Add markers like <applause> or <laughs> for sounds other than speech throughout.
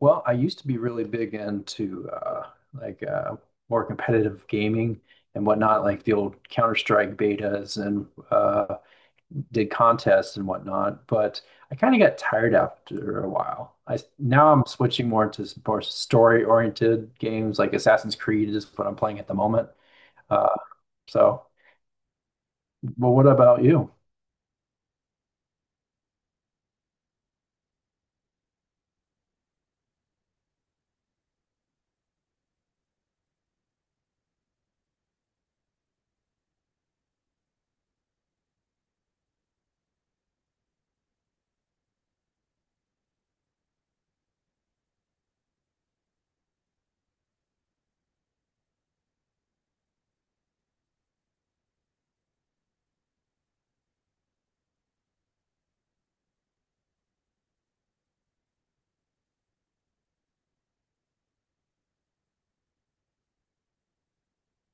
Well, I used to be really big into like more competitive gaming and whatnot, like the old Counter-Strike betas and did contests and whatnot. But I kind of got tired after a while. I'm switching more to more story-oriented games, like Assassin's Creed is what I'm playing at the moment. Uh, so, but what about you?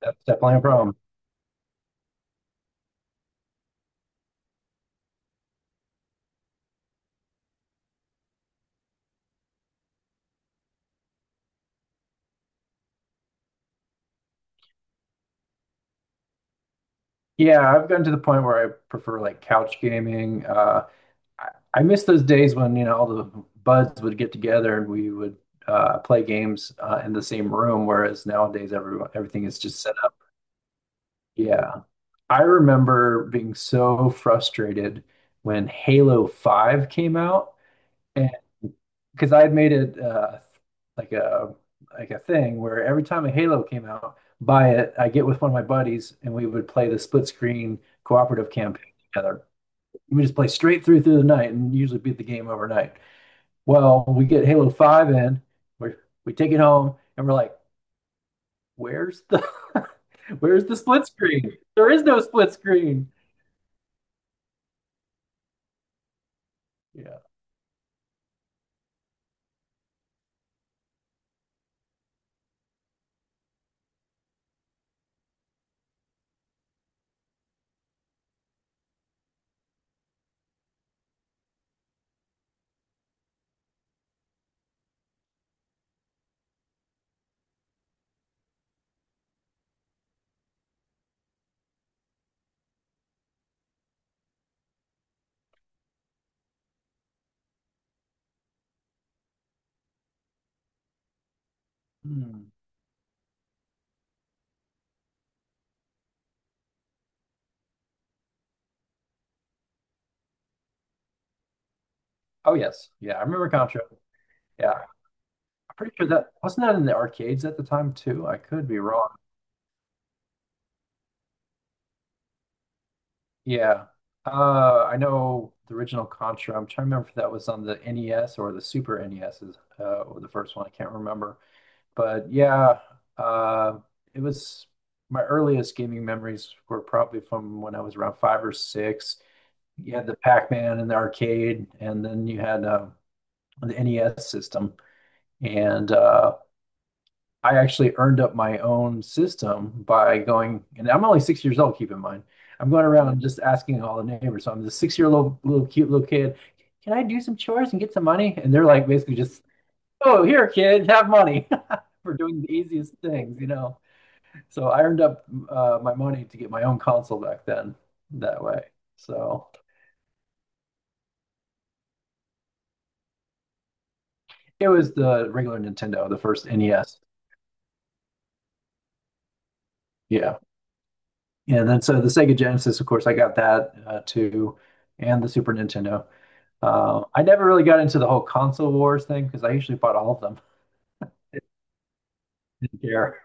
That's definitely a problem. Yeah, I've gotten to the point where I prefer like couch gaming. I I miss those days when, you know, all the buds would get together and we would play games in the same room, whereas nowadays everyone everything is just set up. Yeah. I remember being so frustrated when Halo 5 came out and because I had made it like a like a thing where every time a Halo came out, buy it, I get with one of my buddies and we would play the split screen cooperative campaign together. We just play straight through the night and usually beat the game overnight. Well, we get Halo 5 in, we we take it home, and we're like, where's the <laughs> where's the split screen? There is no split screen. Yeah. Hmm. Oh yes. Yeah, I remember Contra. Yeah. I'm pretty sure that wasn't that in the arcades at the time too. I could be wrong. Yeah. I know the original Contra. I'm trying to remember if that was on the NES or the Super NES is or the first one. I can't remember. But yeah, uh, it was my earliest gaming memories were probably from when I was around five or six. You had the Pac-Man in the arcade, and then you had the NES system. And I actually earned up my own system by going, and I'm only six years old, keep in mind. I'm going around and just asking all the neighbors. So I'm the six-year-old little cute little kid. Can I do some chores and get some money? And they're like basically just, oh, here, kid, have money <laughs> for doing the easiest things, you know. So I earned up my money to get my own console back then that way. So it was the regular Nintendo, the first NES. Yeah. And then so the Sega Genesis, of course, I got that too, and the Super Nintendo. I never really got into the whole console wars thing because I usually bought all of them. <laughs> Didn't care.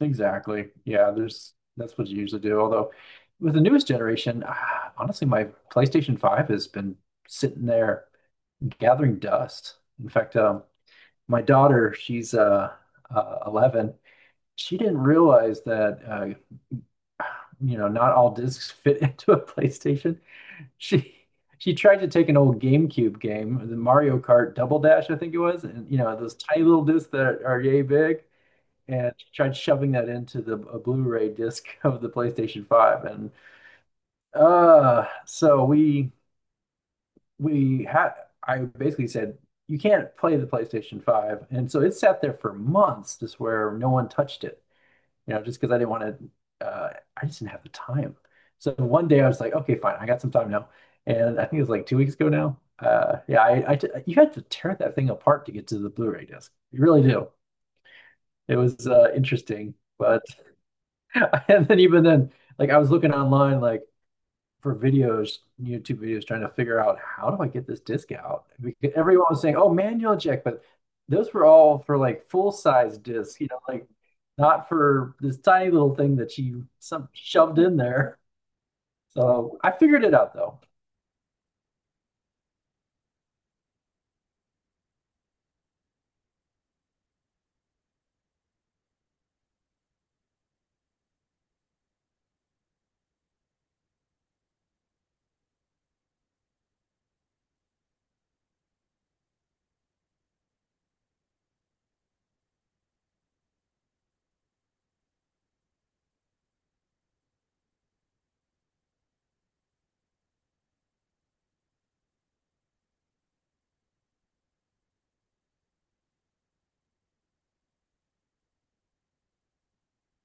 Exactly. Yeah, there's that's what you usually do. Although with the newest generation, ah, honestly, my PlayStation 5 has been sitting there gathering dust. In fact, my daughter, she's 11. She didn't realize that you know, not all discs <laughs> fit into a PlayStation. She she tried to take an old GameCube game, the Mario Kart Double Dash, I think it was, and you know, those tiny little discs that are yay big, and she tried shoving that into the a Blu-ray disc <laughs> of the PlayStation 5 and so we had I basically said you can't play the PlayStation 5. And so it sat there for months just where no one touched it, you know, just because I didn't want to, I just didn't have the time. So one day I was like, okay, fine, I got some time now. And I think it was like 2 weeks ago now. Yeah, you had to tear that thing apart to get to the Blu-ray disc. You really do. It was interesting, but <laughs> and then even then, like I was looking online, like for videos, YouTube videos, trying to figure out how do I get this disc out? Because everyone was saying, "Oh, manual eject," but those were all for like full size discs, you know, like not for this tiny little thing that you some shoved in there. So I figured it out though.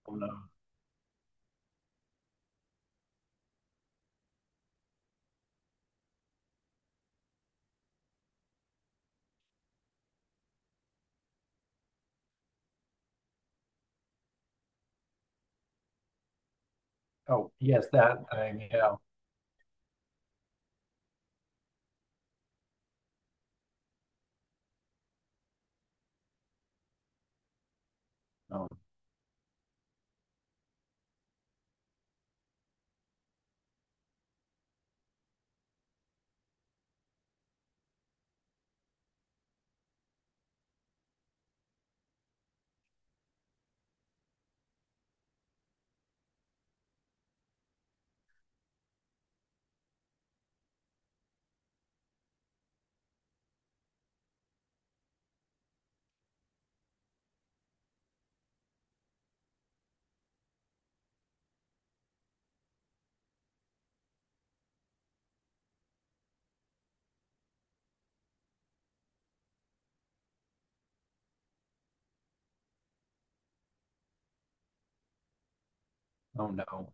Oh no! Oh yes, that thing. Yeah. Oh, oh no!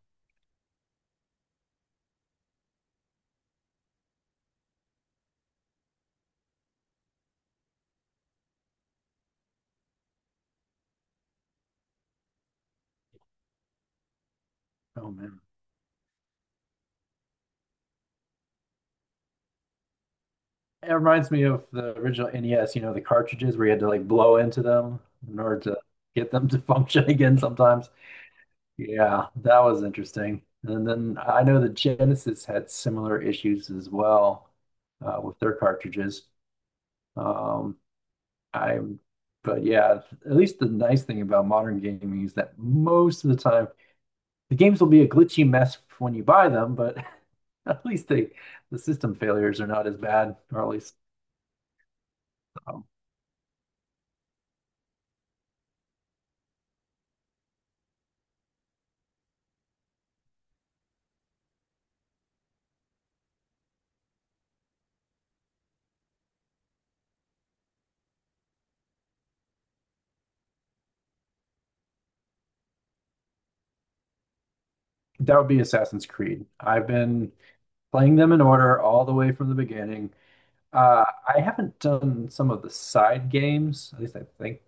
Oh man! It reminds me of the original NES. You know, the cartridges where you had to like blow into them in order to get them to <laughs> function again. Sometimes. Yeah, that was interesting. And then I know that Genesis had similar issues as well with their cartridges. Um, I But yeah, at least the nice thing about modern gaming is that most of the time the games will be a glitchy mess when you buy them, but <laughs> at least the system failures are not as bad, or at least um, that would be Assassin's Creed. I've been playing them in order all the way from the beginning. I haven't done some of the side games, at least I think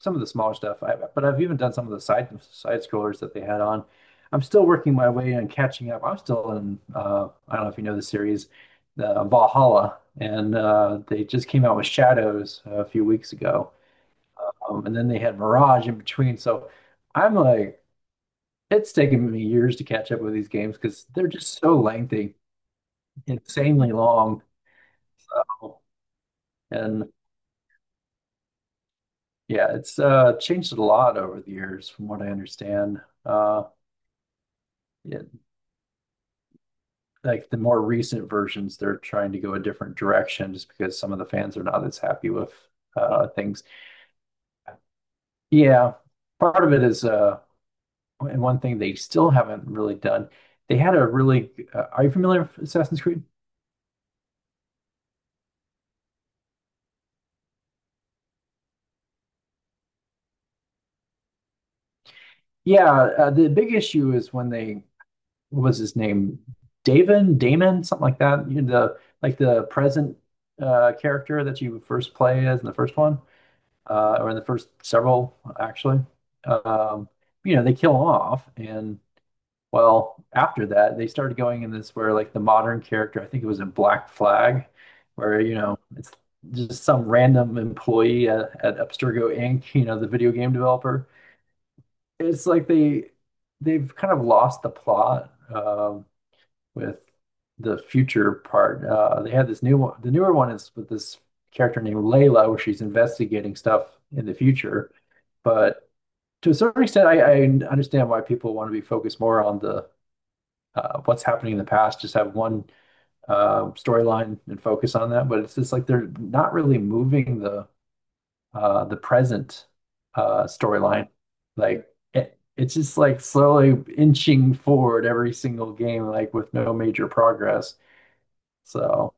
some of the smaller stuff. I've even done some of the side scrollers that they had on. I'm still working my way on catching up. I'm still in. I don't know if you know the series, the Valhalla, and they just came out with Shadows a few weeks ago, and then they had Mirage in between. So I'm like, it's taken me years to catch up with these games because they're just so lengthy, insanely long. So. And yeah, it's changed a lot over the years from what I understand. Uh yeah, like the more recent versions, they're trying to go a different direction just because some of the fans are not as happy with things. Yeah, part of it is and one thing they still haven't really done. They had a really are you familiar with Assassin's Creed? Yeah, the big issue is when they what was his name? Davin, Damon, something like that. You know, the like the present character that you first play as in the first one. Uh, or the first several, actually, um, you know, they kill off. And well, after that, they started going in this where, like, the modern character, I think it was in Black Flag, where, you know, it's just some random employee at, Abstergo Inc., you know, the video game developer. It's like they've kind of lost the plot with the future part. They had this new one. The newer one is with this character named Layla, where she's investigating stuff in the future, but to a certain extent, I understand why people want to be focused more on the what's happening in the past, just have one storyline and focus on that. But it's just like they're not really moving the present storyline. Like it's just like slowly inching forward every single game, like with no major progress. So.